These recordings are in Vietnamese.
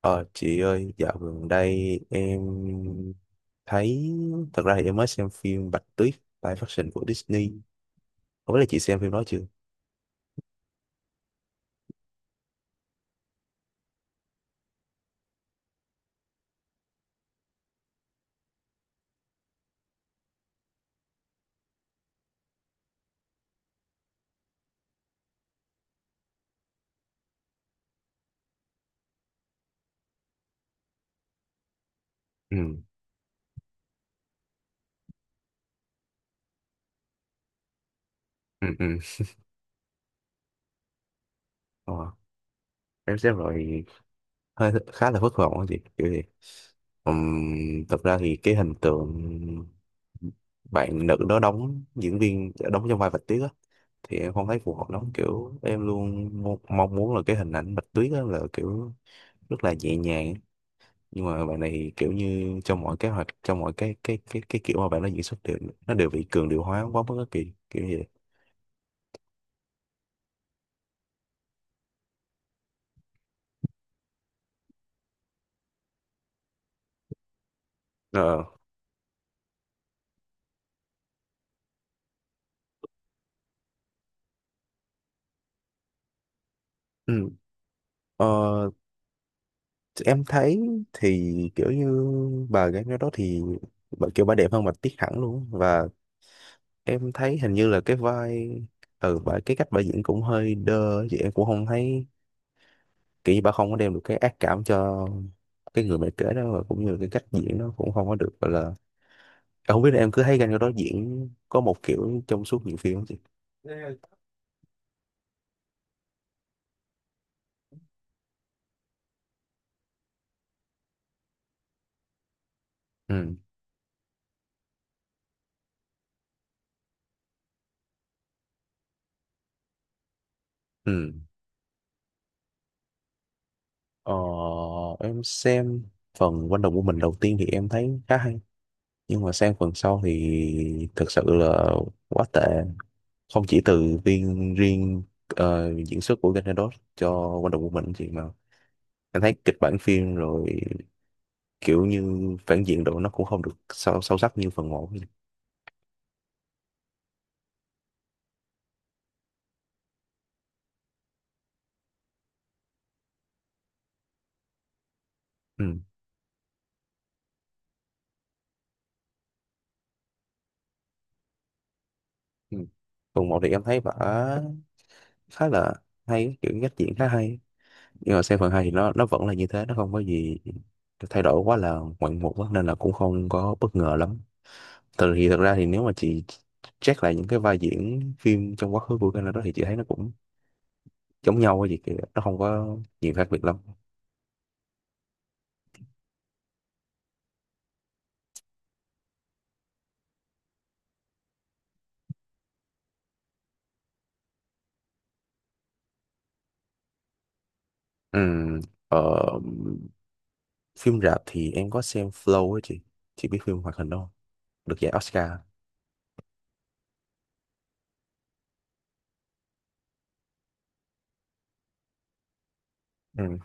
Ờ chị ơi, dạo gần đây em thấy, thật ra thì em mới xem phim Bạch Tuyết live action của Disney, không biết là chị xem phim đó chưa? ừ ừ ừ ờ, em xem rồi, hơi khá là thất vọng á chị, kiểu gì thật ra thì cái hình tượng bạn nữ đó đóng, diễn viên đóng trong vai Bạch Tuyết thì em không thấy phù hợp lắm, kiểu em luôn mong muốn là cái hình ảnh Bạch Tuyết á là kiểu rất là nhẹ nhàng á. Nhưng mà bạn này thì kiểu như trong mọi kế hoạch, trong mọi cái kiểu mà bạn nó diễn xuất đều, nó đều bị cường điệu hóa quá mức á, kỳ kiểu như vậy. Ờ, ừ. ờ em thấy thì kiểu như bà gái đó thì bà kiểu bà đẹp hơn Bạch Tuyết hẳn luôn á. Và em thấy hình như là cái vai, ừ, bà, cái cách bà diễn cũng hơi đơ á, chị, em cũng không thấy kiểu như bà không có đem được cái ác cảm cho cái người mẹ kế đó, và cũng như là cái cách diễn nó cũng không có được gọi là, em không biết là em cứ thấy Gal Gadot diễn có một kiểu trong suốt nhiều phim không chị? ừ ừ ờ, em xem phần Wonder Woman đầu tiên thì em thấy khá hay, nhưng mà sang phần sau thì thực sự là quá tệ, không chỉ từ viên riêng diễn xuất của Gal Gadot cho Wonder Woman chị, mà em thấy kịch bản phim rồi kiểu như phản diện độ nó cũng không được sâu sâu sắc như phần 1. Ừ. Ừ. Phần một thì em thấy vở khá là hay, kiểu cách diễn khá hay, nhưng mà xem phần hai thì nó vẫn là như thế, nó không có gì thay đổi quá là ngoạn mục á, nên là cũng không có bất ngờ lắm. Từ thì thật ra thì nếu mà chị check lại những cái vai diễn phim trong quá khứ của Canada đó thì chị thấy nó cũng giống nhau á, gì kìa, nó không có nhiều khác biệt lắm. Ừm, ờ, Phim rạp thì em có xem Flow á chị biết phim hoạt hình đó không, được giải Oscar? ừ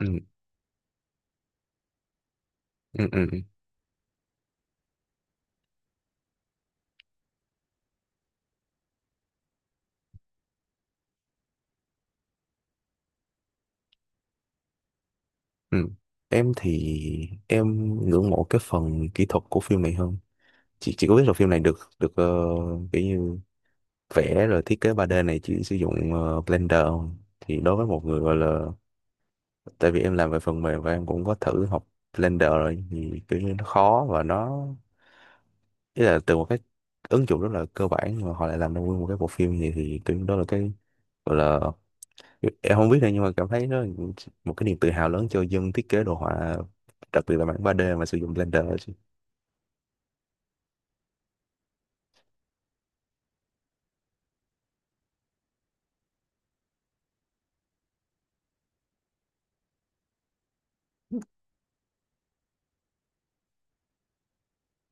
ừ ừ ừ Ừ. Em thì em ngưỡng mộ cái phần kỹ thuật của phim này hơn. Chị có biết là phim này được được kiểu như vẽ rồi thiết kế ba d này chỉ sử dụng Blender không? Thì đối với một người gọi là, tại vì em làm về phần mềm và em cũng có thử học Blender rồi thì kiểu như nó khó, và nó, ý là từ một cái ứng dụng rất là cơ bản mà họ lại làm ra nguyên một cái bộ phim như vậy thì kiểu như đó là cái gọi là, em không biết đâu nhưng mà cảm thấy nó một cái niềm tự hào lớn cho dân thiết kế đồ họa, đặc biệt là bản ba d mà sử dụng Blender đó chị.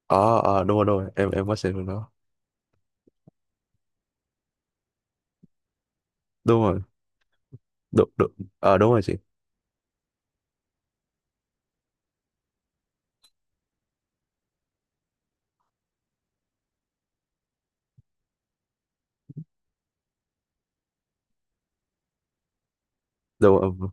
Ờ Đúng rồi, đúng rồi, em có xem nó. Đúng rồi, đúng đúng, đúng rồi chị. Đúng rồi.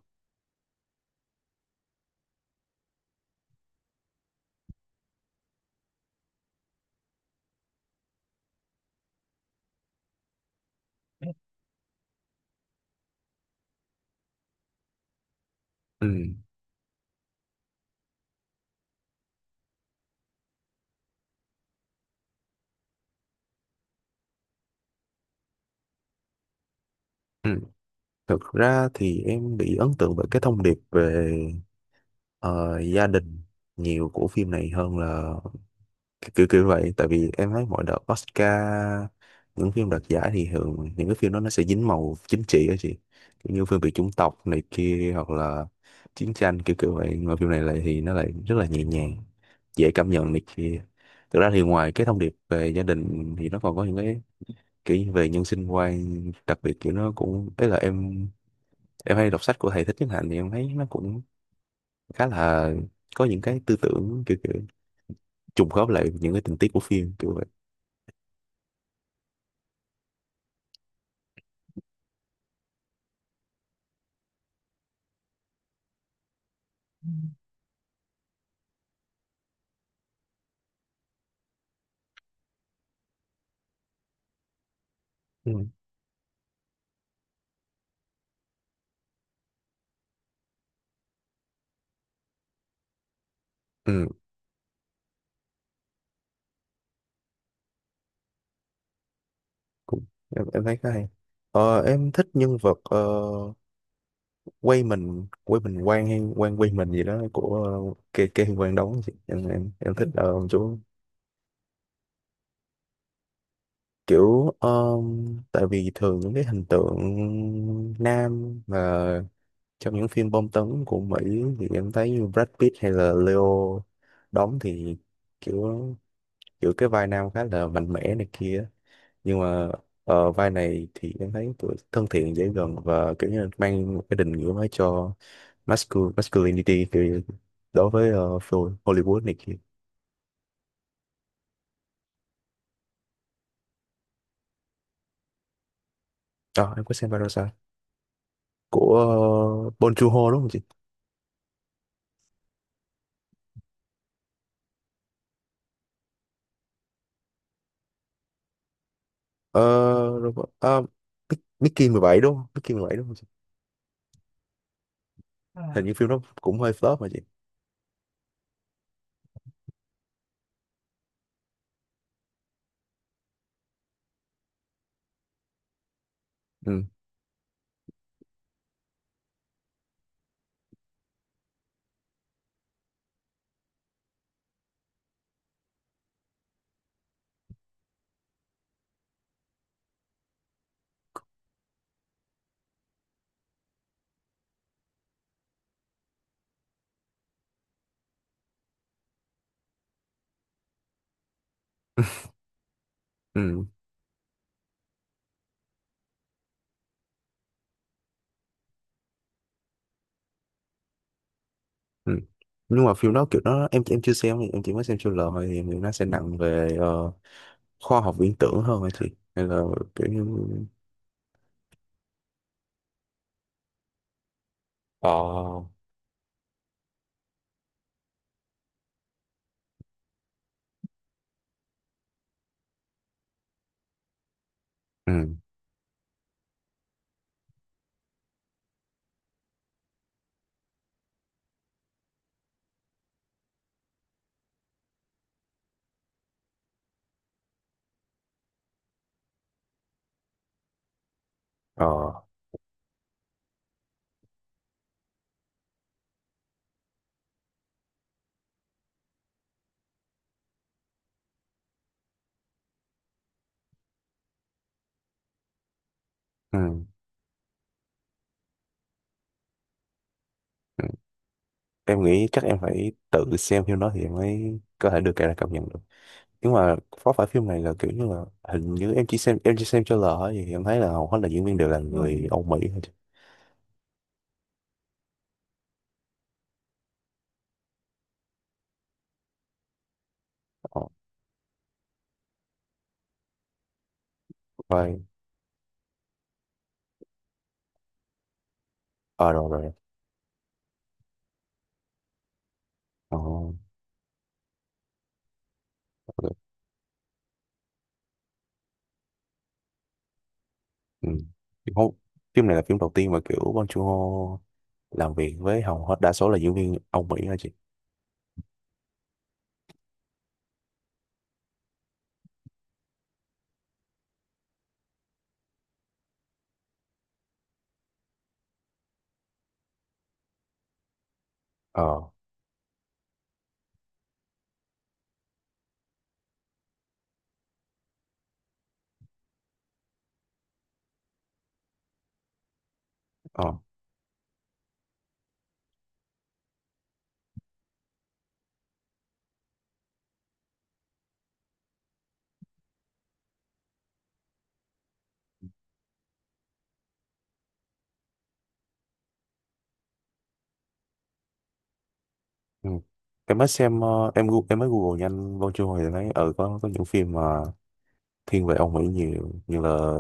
ừ ừ Thực ra thì em bị ấn tượng bởi cái thông điệp về ờ, gia đình nhiều của phim này hơn là kiểu kiểu kiểu vậy, tại vì em thấy mọi đợt Oscar những phim đoạt giải thì thường những cái phim đó nó sẽ dính màu chính trị á chị, kiểu như phim về chủng tộc này kia hoặc là chiến tranh kiểu kiểu vậy, mà phim này lại thì nó lại rất là nhẹ nhàng, dễ cảm nhận này kia. Thực ra thì ngoài cái thông điệp về gia đình thì nó còn có những cái kiểu về nhân sinh quan, đặc biệt kiểu nó cũng ấy là em hay đọc sách của thầy Thích Nhất Hạnh thì em thấy nó cũng khá là có những cái tư tưởng kiểu kiểu trùng khớp lại những cái tình tiết của phim kiểu vậy. Ừ, cũng, em thấy khá hay. Ờ, em thích nhân vật quay mình quan hay quan quay mình gì đó của kê kê quan đóng chị. Em thích ông chú kiểu tại vì thường những cái hình tượng nam mà trong những phim bom tấn của Mỹ thì em thấy như Brad Pitt hay là Leo đóng thì kiểu, cái vai nam khá là mạnh mẽ này kia, nhưng mà vai này thì em thấy tuổi thân thiện, dễ gần và kiểu như là mang một cái định nghĩa mới cho masculinity thì đối với phim Hollywood này kia. Đó em có xem Parasite của Bong Joon-ho đúng không chị? Ờ, rồi, ờ, Mickey 17 đúng không, Mickey 17 đúng không chị? Hình À. như phim đó cũng hơi flop mà chị. ừ ừ ừ nhưng mà phim đó kiểu nó, em chưa xem, em chỉ mới xem trailer thôi, thì em nghĩ nó sẽ nặng về khoa học viễn tưởng hơn hả chị, hay là kiểu như. ờ ừ ờ ừ. Ừ. Em nghĩ chắc em phải tự xem phim đó thì em mới có thể được cái là cảm nhận được. Nhưng mà có phải phim này là kiểu như là, hình như em chỉ xem trailer thôi, thì em thấy là hầu hết là diễn viên đều là người Âu Mỹ thôi chứ. ờ Vai, ờ rồi, rồi, ờ ok. Ừ. Thì không, phim này là phim đầu tiên mà kiểu Bong Joon-ho làm việc với hầu hết đa số là diễn viên Âu Mỹ hả chị? ờ ờ ừ. Em mới xem em mới Google nhanh Bong Joon-ho thì thấy ừ có những phim mà thiên về ông Mỹ nhiều như là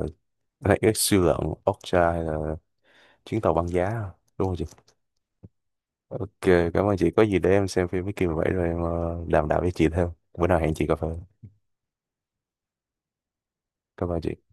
Black X siêu lợn, Okja hay là chuyến tàu băng giá, đúng không chị? Ok, cảm ơn chị, có gì để em xem phim với kia vậy rồi em đàm đạo với chị thêm, bữa nào hẹn chị cà phê. Cảm ơn chị.